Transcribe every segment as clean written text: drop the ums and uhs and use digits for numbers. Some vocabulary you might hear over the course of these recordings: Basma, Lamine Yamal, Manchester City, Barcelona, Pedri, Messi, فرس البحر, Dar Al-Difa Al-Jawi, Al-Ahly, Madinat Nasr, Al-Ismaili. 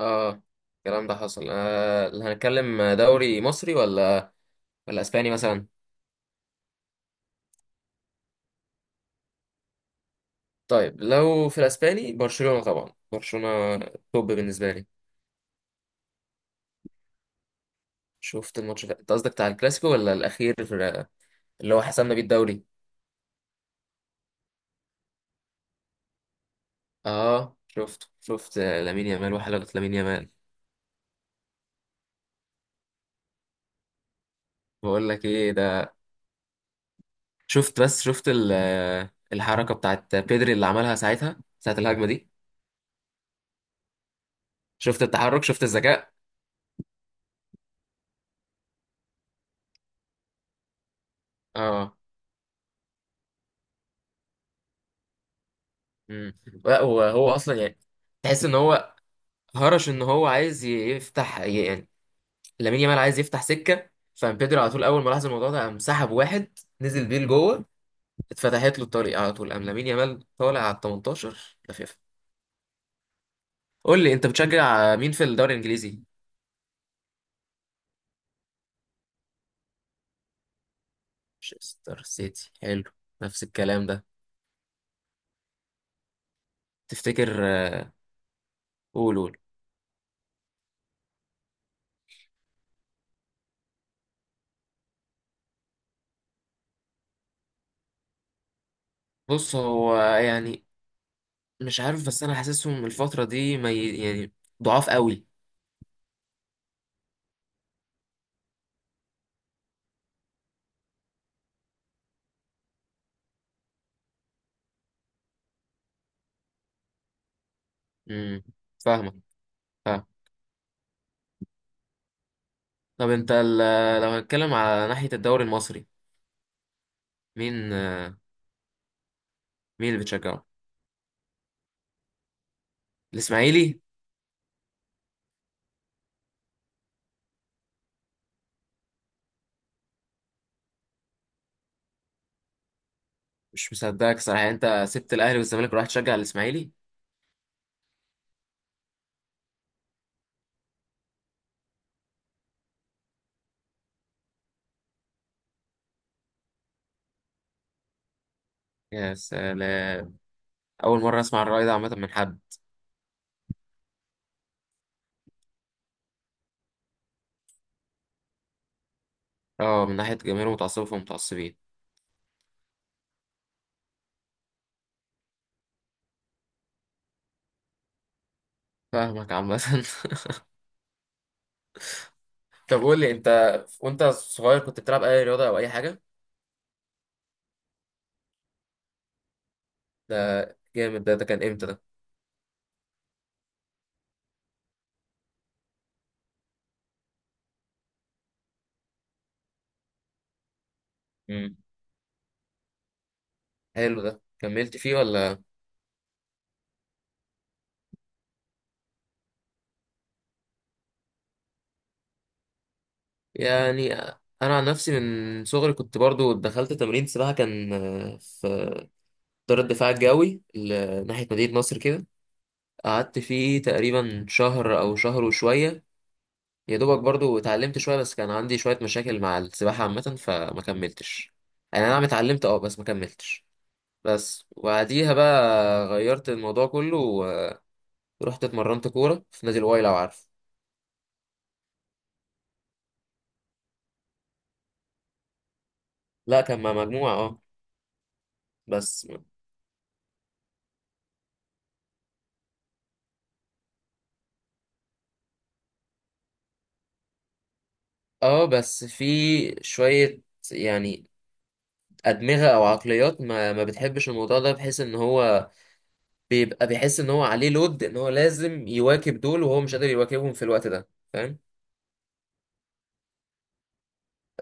اه. الكلام ده حصل اللي هنتكلم دوري مصري ولا اسباني مثلا؟ طيب، لو في الاسباني برشلونة، طبعا برشلونة توب بالنسبة لي. شفت الماتش ده؟ انت قصدك بتاع الكلاسيكو ولا الاخير اللي هو حسمنا بيه الدوري؟ اه، شفت شفت. لامين يامال وحلقة لامين يامال. بقول لك ايه ده. شفت بس، شفت الحركة بتاعت بيدري اللي عملها ساعتها ساعة الهجمة دي. شفت التحرك، شفت الذكاء. اه. امم لا، وهو اصلا يعني، تحس ان هو هرش ان هو عايز يفتح يعني. لامين يامال عايز يفتح سكه. فبيدري على طول اول ما لاحظ الموضوع ده قام سحب واحد نزل بيه لجوه. اتفتحت له الطريق على طول، قام لامين يامال طالع على ال 18 لفيفا. قول لي انت، بتشجع مين في الدوري الانجليزي؟ مانشستر سيتي حلو. نفس الكلام ده. تفتكر قول قول. بص هو يعني مش عارف، بس انا حاسسهم الفتره دي ما يعني ضعاف قوي. امم فاهمك، فاهم. طب انت لو هنتكلم على ناحيه الدوري المصري. مين آه، مين اللي بتشجعه؟ الاسماعيلي؟ مش مصدقك صراحه، يعني انت سبت الاهلي والزمالك ورحت تشجع الاسماعيلي؟ يا سلام. اول مره اسمع الراي ده عامه من حد. اه. من ناحيه جماهير متعصبه، فمتعصبين. فاهمك عامه. طب قول لي انت، وانت صغير كنت بتلعب اي رياضه او اي حاجه؟ ده جامد. ده كان امتى ده؟ مم. حلو ده، كملت فيه ولا؟ يعني انا عن نفسي، من صغري كنت برضو دخلت تمرين سباحه، كان في دار الدفاع الجوي ناحيه مدينه نصر كده. قعدت فيه تقريبا شهر او شهر وشويه. يا دوبك برضو اتعلمت شويه، بس كان عندي شويه مشاكل مع السباحه عامه، فما كملتش. يعني انا نعم اتعلمت، اه، بس ما كملتش. بس وبعديها بقى غيرت الموضوع كله. ورحت اتمرنت كوره في نادي الواي، لو عارف. لا، كان مع مجموعه، اه. بس اه بس في شويه يعني، ادمغه او عقليات ما بتحبش الموضوع ده، بحيث ان هو بيبقى بيحس ان هو عليه لود، ان هو لازم يواكب دول وهو مش قادر يواكبهم في الوقت ده، فاهم؟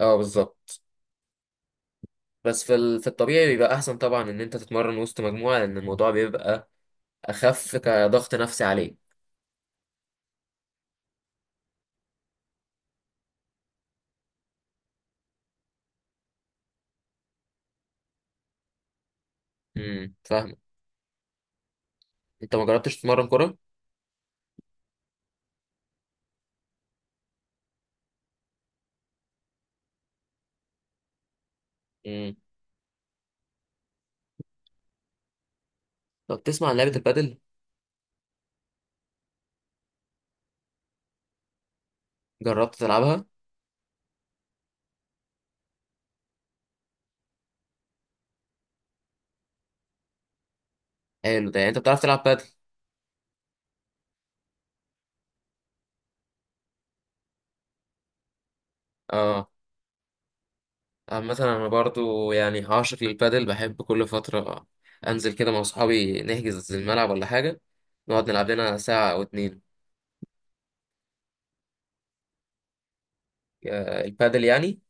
اه، بالظبط. بس في الطبيعي بيبقى احسن طبعا ان انت تتمرن وسط مجموعه، لان الموضوع بيبقى اخف كضغط نفسي عليه. فاهم. انت ما جربتش تتمرن كوره؟ امم طب تسمع عن لعبه البادل؟ جربت تلعبها؟ حلو ده، يعني انت بتعرف تلعب بادل؟ اه. مثلا انا برضو، يعني عاشق للبادل، بحب كل فتره انزل كده مع اصحابي نحجز الملعب ولا حاجه، نقعد نلعب لنا ساعه او اتنين. البادل يعني.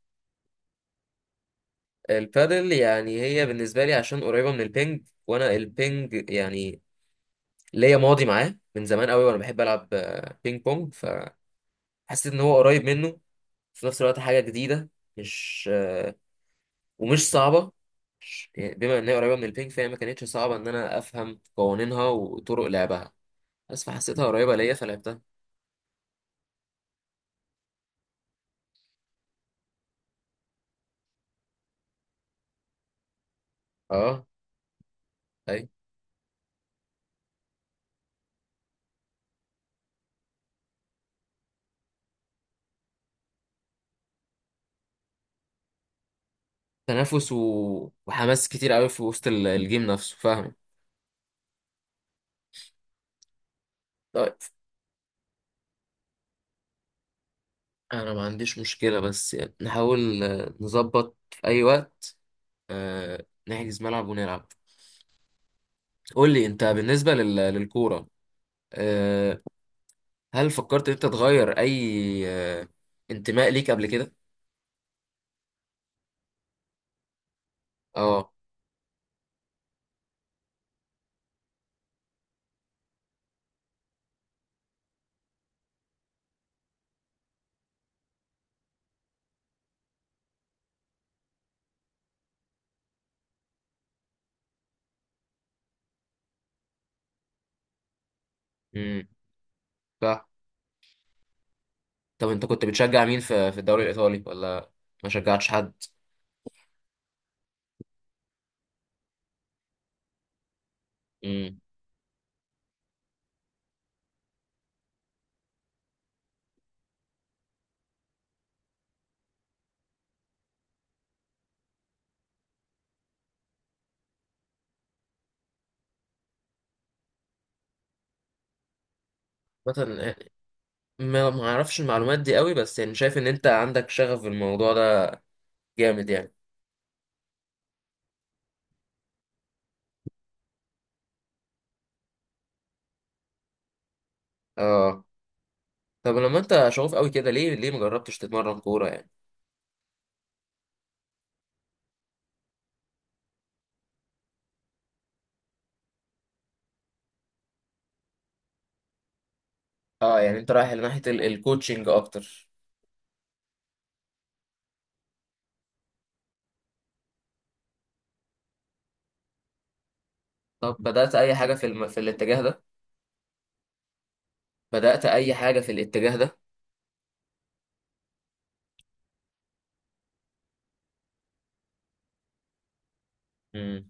البادل يعني هي بالنسبة لي عشان قريبة من البينج، وأنا البينج يعني ليا ماضي معاه من زمان قوي، وأنا بحب ألعب بينج بونج. فحسيت إن هو قريب منه. في نفس الوقت حاجة جديدة. مش ومش صعبة. يعني بما إن هي قريبة من البينج فهي ما كانتش صعبة إن أنا أفهم قوانينها وطرق لعبها. بس فحسيتها قريبة ليا، فلعبتها. أه. أي. تنافس و... وحماس كتير قوي في وسط الجيم نفسه، فاهم؟ انا ما عنديش مشكلة، بس يعني نحاول نظبط في اي وقت نحجز ملعب ونلعب. قول لي انت، بالنسبة للكورة، آه، هل فكرت انت تغير اي انتماء ليك قبل كده؟ اه. امم صح. طب انت كنت بتشجع مين في الدوري الايطالي، ولا ما شجعتش حد؟ امم مثلا ما اعرفش المعلومات دي قوي، بس يعني شايف ان انت عندك شغف في الموضوع ده، جامد يعني. اه. طب لما انت شغوف قوي كده، ليه ما جربتش تتمرن كورة يعني؟ اه، يعني انت رايح لناحية الكوتشنج اكتر. طب بدأت اي حاجة في الاتجاه ده؟ بدأت اي حاجة في الاتجاه ده؟ امم.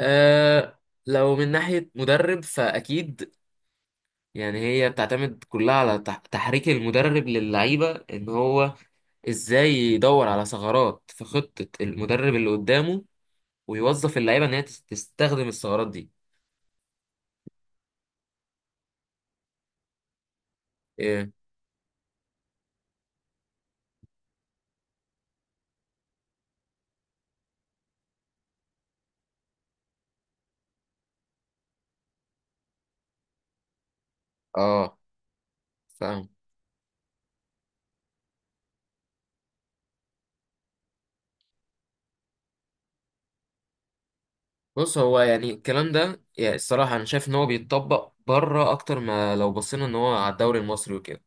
أه. لو من ناحية مدرب فأكيد. يعني هي بتعتمد كلها على تحريك المدرب للعيبة، إن هو إزاي يدور على ثغرات في خطة المدرب اللي قدامه، ويوظف اللعيبة إن هي تستخدم الثغرات دي. إيه؟ آه، فاهم. بص هو يعني، الكلام ده يعني الصراحة أنا شايف إن هو بيتطبق بره أكتر ما لو بصينا إن هو على الدوري المصري وكده.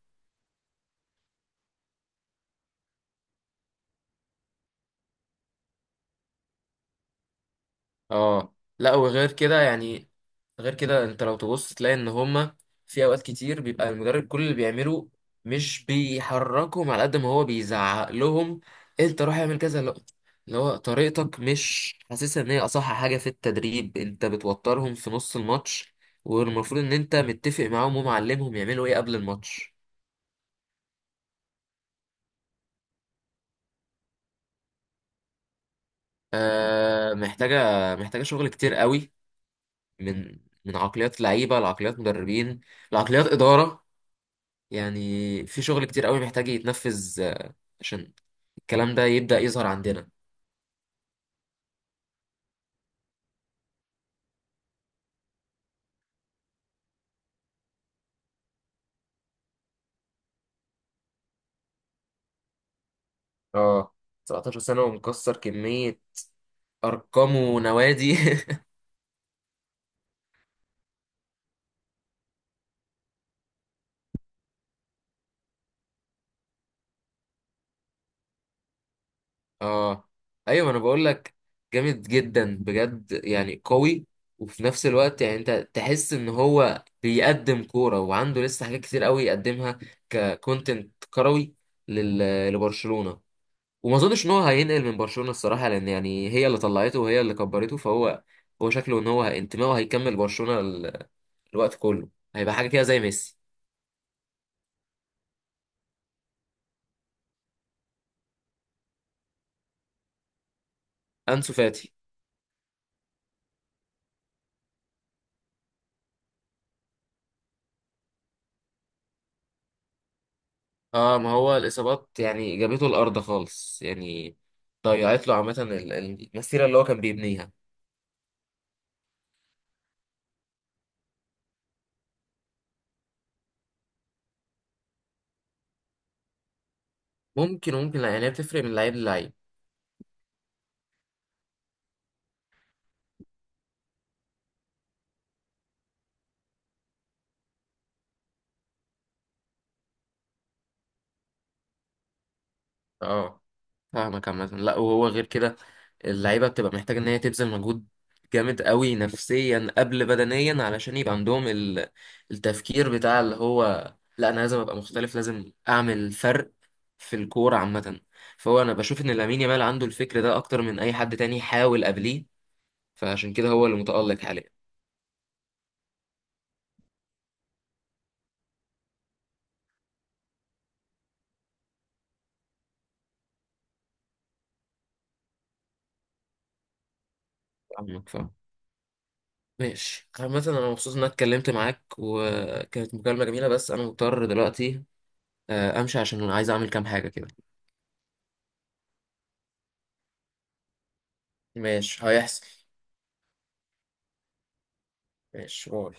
اه، لا وغير كده يعني. غير كده، أنت لو تبص تلاقي إن هما في أوقات كتير بيبقى المدرب كل اللي بيعمله مش بيحركهم على قد ما هو بيزعق لهم. أنت روح اعمل كذا. لا، اللي هو طريقتك مش حاسسها إن هي أصح حاجة في التدريب، أنت بتوترهم في نص الماتش. والمفروض إن أنت متفق معاهم ومعلمهم يعملوا إيه قبل الماتش. آه، محتاجة، محتاجة شغل كتير قوي. من من عقليات لعيبة لعقليات مدربين لعقليات إدارة. يعني في شغل كتير قوي محتاج يتنفذ، عشان الكلام ده يبدأ يظهر عندنا. اه. 17 سنة ومكسر كمية أرقام ونوادي. اه، ايوه، انا بقول لك. جامد جدا بجد يعني، قوي. وفي نفس الوقت يعني انت تحس ان هو بيقدم كوره وعنده لسه حاجات كتير قوي يقدمها ككونتنت كروي لبرشلونه. وما اظنش ان هو هينقل من برشلونه الصراحه، لان يعني هي اللي طلعته وهي اللي كبرته، فهو هو شكله ان هو انتمائه هيكمل برشلونه الوقت كله. هيبقى حاجه كده زي ميسي. انسو فاتي. اه، ما هو الاصابات يعني جابته الارض خالص يعني. ضيعت له عامه المسيره اللي هو كان بيبنيها. ممكن، ممكن. لا، يعني هي بتفرق من لعيب للعيب. اه، فاهمك عامه. لا، وهو غير كده. اللعيبه بتبقى محتاجه ان هي تبذل مجهود جامد قوي نفسيا قبل بدنيا، علشان يبقى عندهم التفكير بتاع اللي هو، لا، انا لازم ابقى مختلف، لازم اعمل فرق في الكوره عامه. فهو انا بشوف ان لامين يامال عنده الفكر ده اكتر من اي حد تاني حاول قبليه، فعشان كده هو اللي متألق حاليا. فاهمك، فاهم. ماشي عامة، أنا مبسوط إن أنا اتكلمت معاك وكانت مكالمة جميلة، بس أنا مضطر دلوقتي أمشي عشان عايز أعمل كام حاجة كده. ماشي، هيحصل. ماشي، باي.